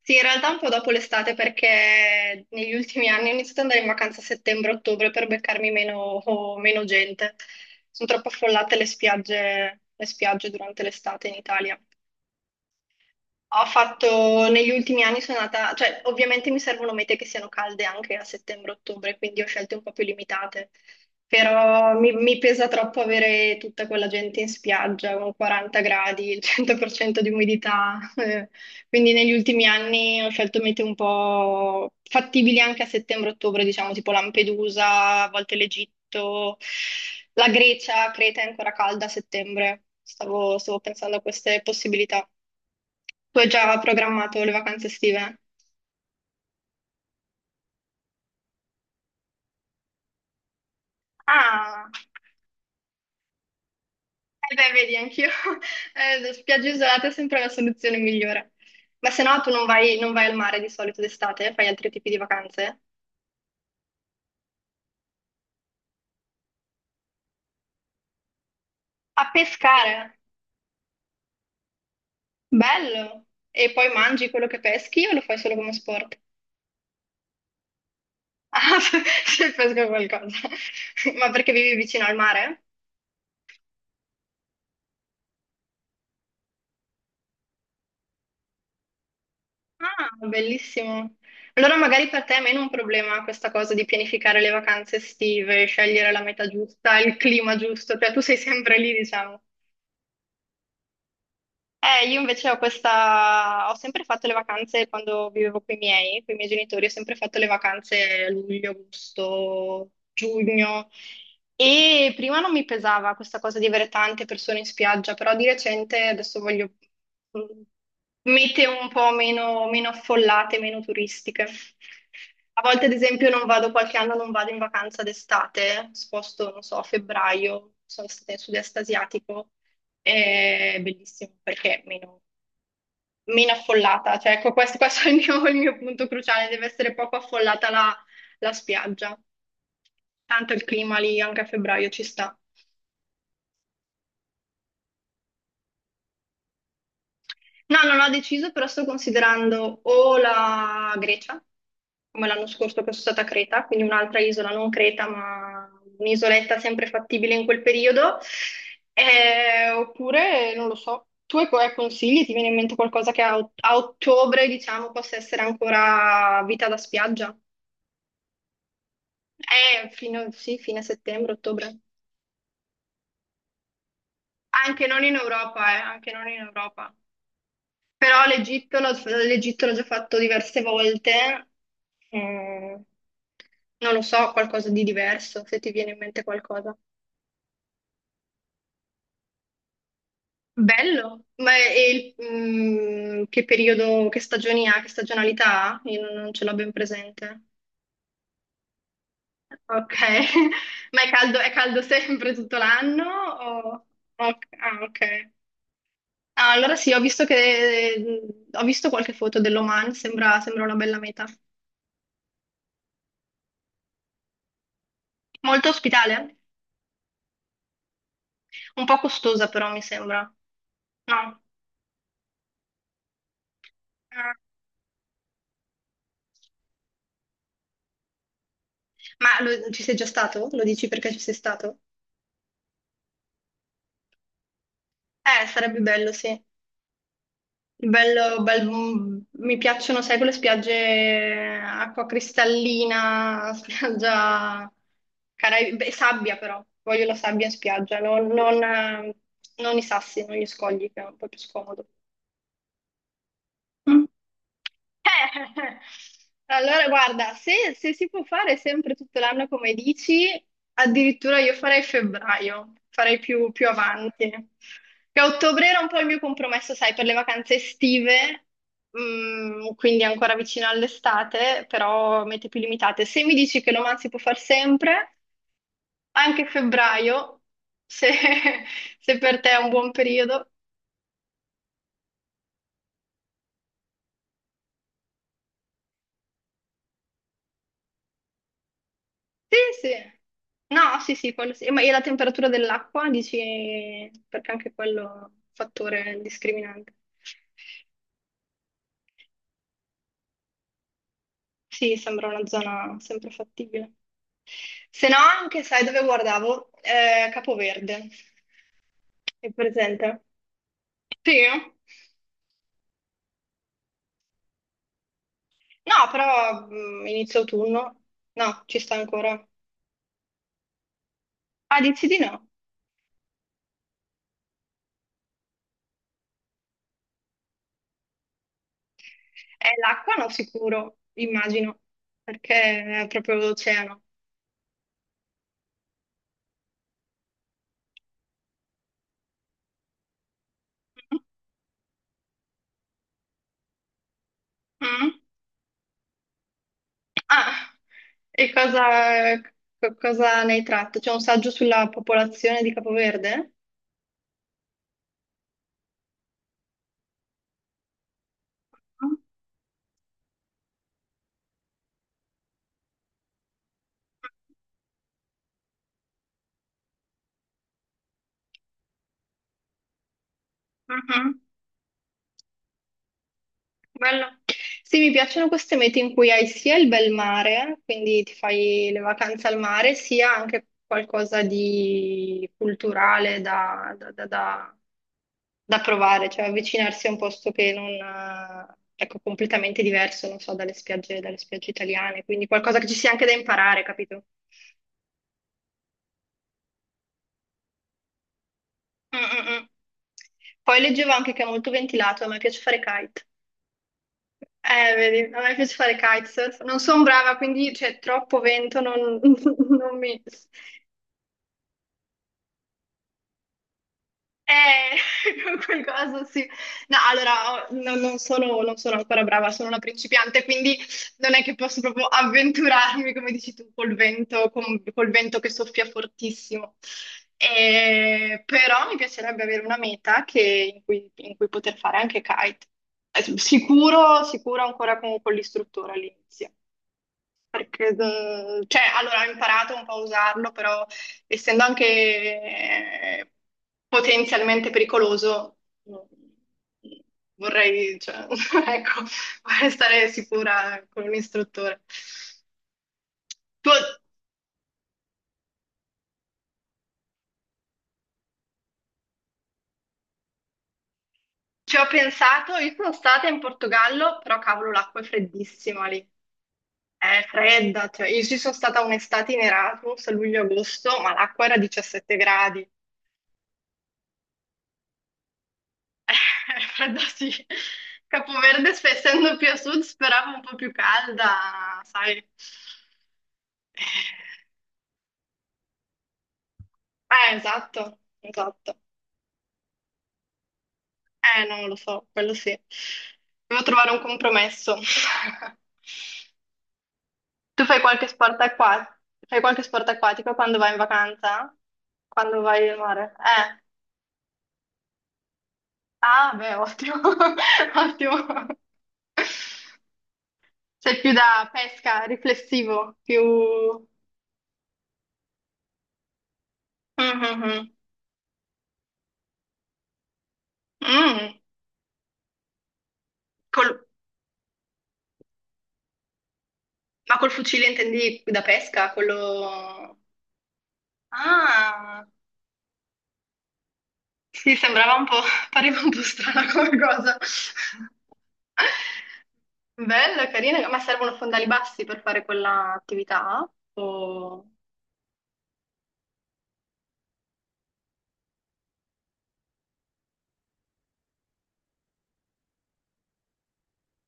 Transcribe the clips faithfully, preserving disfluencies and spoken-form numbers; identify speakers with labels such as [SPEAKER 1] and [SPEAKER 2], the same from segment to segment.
[SPEAKER 1] Sì, in realtà un po' dopo l'estate perché negli ultimi anni ho iniziato ad andare in vacanza a settembre-ottobre per beccarmi meno, o meno gente. Sono troppo affollate le spiagge, le spiagge durante l'estate in Italia. Ho fatto negli ultimi anni sono andata, cioè ovviamente mi servono mete che siano calde anche a settembre-ottobre, quindi ho scelte un po' più limitate, però mi, mi pesa troppo avere tutta quella gente in spiaggia con quaranta gradi, il cento per cento di umidità, eh, quindi negli ultimi anni ho scelto mete un po' fattibili anche a settembre-ottobre, diciamo tipo Lampedusa, a volte l'Egitto, la Grecia, Creta è ancora calda a settembre, stavo stavo pensando a queste possibilità. Tu hai già programmato le vacanze estive? Ah, eh beh, vedi, anch'io. Eh, spiagge isolate è sempre la soluzione migliore. Ma se no tu non vai, non vai al mare di solito d'estate, fai altri tipi di vacanze? A pescare, bello! E poi mangi quello che peschi o lo fai solo come sport? Ah, se se pesco qualcosa. Ma perché vivi vicino al mare? Ah, bellissimo. Allora magari per te è meno un problema questa cosa di pianificare le vacanze estive, scegliere la meta giusta, il clima giusto, cioè tu sei sempre lì, diciamo. Eh, io invece ho questa, ho sempre fatto le vacanze quando vivevo con i miei, con i miei genitori, ho sempre fatto le vacanze a luglio, agosto, giugno e prima non mi pesava questa cosa di avere tante persone in spiaggia, però di recente adesso voglio mm, meteo un po' meno, meno affollate, meno turistiche. A volte, ad esempio, non vado, qualche anno non vado in vacanza d'estate, sposto, non so, a febbraio, sono stata in sud-est asiatico, è bellissimo perché meno, meno affollata, cioè ecco, questo, questo è il mio, il mio punto cruciale, deve essere poco affollata la, la spiaggia, tanto il clima lì anche a febbraio ci sta. No, non ho deciso, però sto considerando o la Grecia, come l'anno scorso che sono stata a Creta, quindi un'altra isola, non Creta, ma un'isoletta sempre fattibile in quel periodo. Eh, oppure non lo so. Tu hai hai consigli? Ti viene in mente qualcosa che a, ot- a ottobre, diciamo, possa essere ancora vita da spiaggia? Eh, fino, sì, fine settembre, ottobre. Anche non in Europa, eh, anche non in Europa. Però l'Egitto l'ho l'Egitto l'ho già fatto diverse volte. Mm, non lo so, qualcosa di diverso, se ti viene in mente qualcosa. Bello, ma e il- mm, che periodo, che stagioni ha, che stagionalità ha? Io non non ce l'ho ben presente. Ok, ma è caldo, è caldo sempre tutto l'anno? o- o- Ah, ok. Ah, allora sì, ho visto che, mm, ho visto qualche foto dell'Oman, sembra, sembra una bella meta. Molto ospitale? Un po' costosa però mi sembra. No. Ah. Ma lo- ci sei già stato? Lo dici perché ci sei stato? Eh, sarebbe bello, sì. Bello, bel- mm, mi piacciono, sai, quelle spiagge acqua cristallina, spiaggia Caraibi- beh, sabbia però, voglio la sabbia in spiaggia, non, non, eh, non i sassi, non gli scogli, che è un po' più scomodo. Mm. Eh, allora, guarda, se, se si può fare sempre tutto l'anno come dici, addirittura io farei febbraio, farei più, più avanti. Che a ottobre era un po' il mio compromesso, sai, per le vacanze estive, mm, quindi ancora vicino all'estate, però mete più limitate. Se mi dici che l'Oman si può fare sempre, anche febbraio, se se per te è un buon periodo. Sì, sì. No, sì, sì, quello sì. Ma e la temperatura dell'acqua, dici, perché anche quello è un fattore discriminante. Sì, sembra una zona sempre fattibile. Se no, anche, sai dove guardavo? Eh, Capoverde. È presente? Sì. No, però mh, inizio autunno. No, ci sta ancora. Ah, dici di no? Eh, l'acqua no, sicuro, immagino, perché è proprio l'oceano. Mm? Ah, e cosa, co- cosa ne hai tratto? C'è un saggio sulla popolazione di Capoverde? Mhm. Bello. Sì, mi piacciono queste mete in cui hai sia il bel mare, quindi ti fai le vacanze al mare, sia anche qualcosa di culturale da, da- da- da- da provare, cioè avvicinarsi a un posto che non, eh, ecco, completamente diverso, non so, dalle spiagge, dalle spiagge italiane, quindi qualcosa che ci sia anche da imparare, capito? Mm, mm, mm. Poi leggevo anche che è molto ventilato, a me piace fare kite. Eh, vedi, a me piace fare kitesurf. Non sono brava, quindi c'è troppo vento, non, non mi... Eh, qualcosa sì. No, allora, ho- non, non sono, non sono ancora brava, sono una principiante, quindi non è che posso proprio avventurarmi, come dici tu, col vento, con- col vento che soffia fortissimo. Eh, però mi piacerebbe avere una meta che- in cui, in cui poter fare anche kite. Eh, Sicuro, sicuro ancora con, con l'istruttore all'inizio. Perché, mm, cioè, allora ho imparato un po' a usarlo, però essendo anche eh, potenzialmente pericoloso, mm, vorrei, cioè, ecco, vorrei stare sicura con un istruttore. Tu, ci ho pensato, io sono stata in Portogallo, però cavolo, l'acqua è freddissima lì. È fredda, cioè, io ci sono stata un'estate in Erasmus a luglio-agosto, ma l'acqua era diciassette gradi. Eh, fredda sì. Capoverde, sp- essendo più a sud, speravo un po' più calda, sai. Eh, eh, esatto, esatto. Eh, non lo so, quello sì. Devo trovare un compromesso. Tu fai qualche sport acqua- fai qualche sport acquatico quando vai in vacanza? Quando vai al mare? Eh. Ah, beh, ottimo. Ottimo. Sei più da pesca, riflessivo, più... Mhm. Mhm. Mm, col- ma col fucile intendi da pesca? Quello... Ah, sì, sembrava un po', pareva un po' strana come cosa. Bella, carina, ma servono fondali bassi per fare quella attività? O-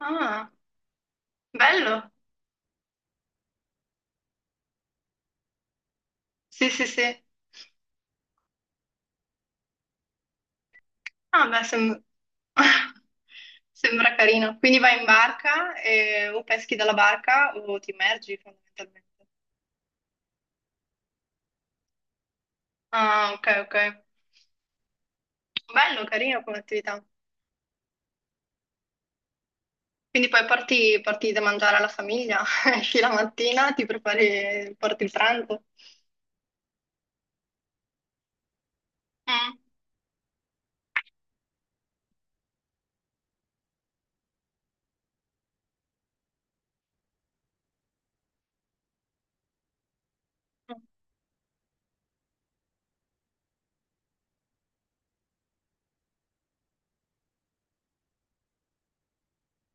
[SPEAKER 1] Ah, bello. Sì, sì, sì. Ah, beh, sem- sembra carino. Quindi vai in barca e- o peschi dalla barca o ti immergi fondamentalmente. Ah, ok, ok. Bello, carino come attività. Quindi poi porti, porti da mangiare alla famiglia, esci la mattina, ti prepari, porti il pranzo. Mm.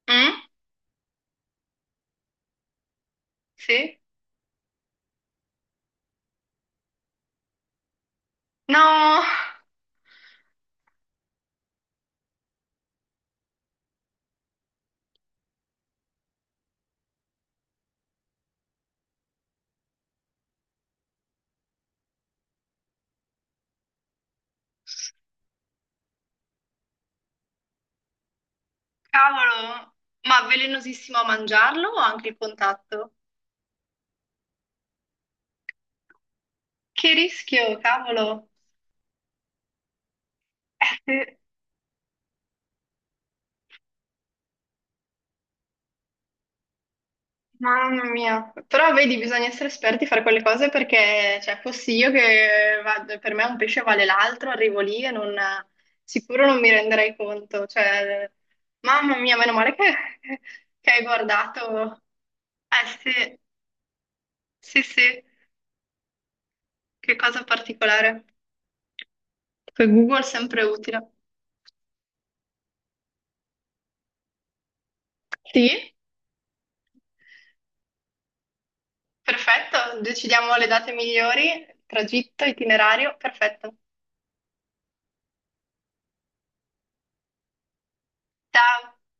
[SPEAKER 1] Mm? Sì? No, cavolo, ma velenosissimo a mangiarlo o anche il contatto? Che rischio, cavolo. Eh, sì. Mamma mia, però vedi, bisogna essere esperti a fare quelle cose perché, cioè, fossi io che vado, per me un pesce vale l'altro, arrivo lì e non, sicuro non mi renderei conto, cioè, mamma mia, meno male che, che hai guardato, eh sì, sì, sì, che cosa particolare, poi Google è sempre utile. Sì, perfetto, decidiamo le date migliori, tragitto, itinerario, perfetto, ciao.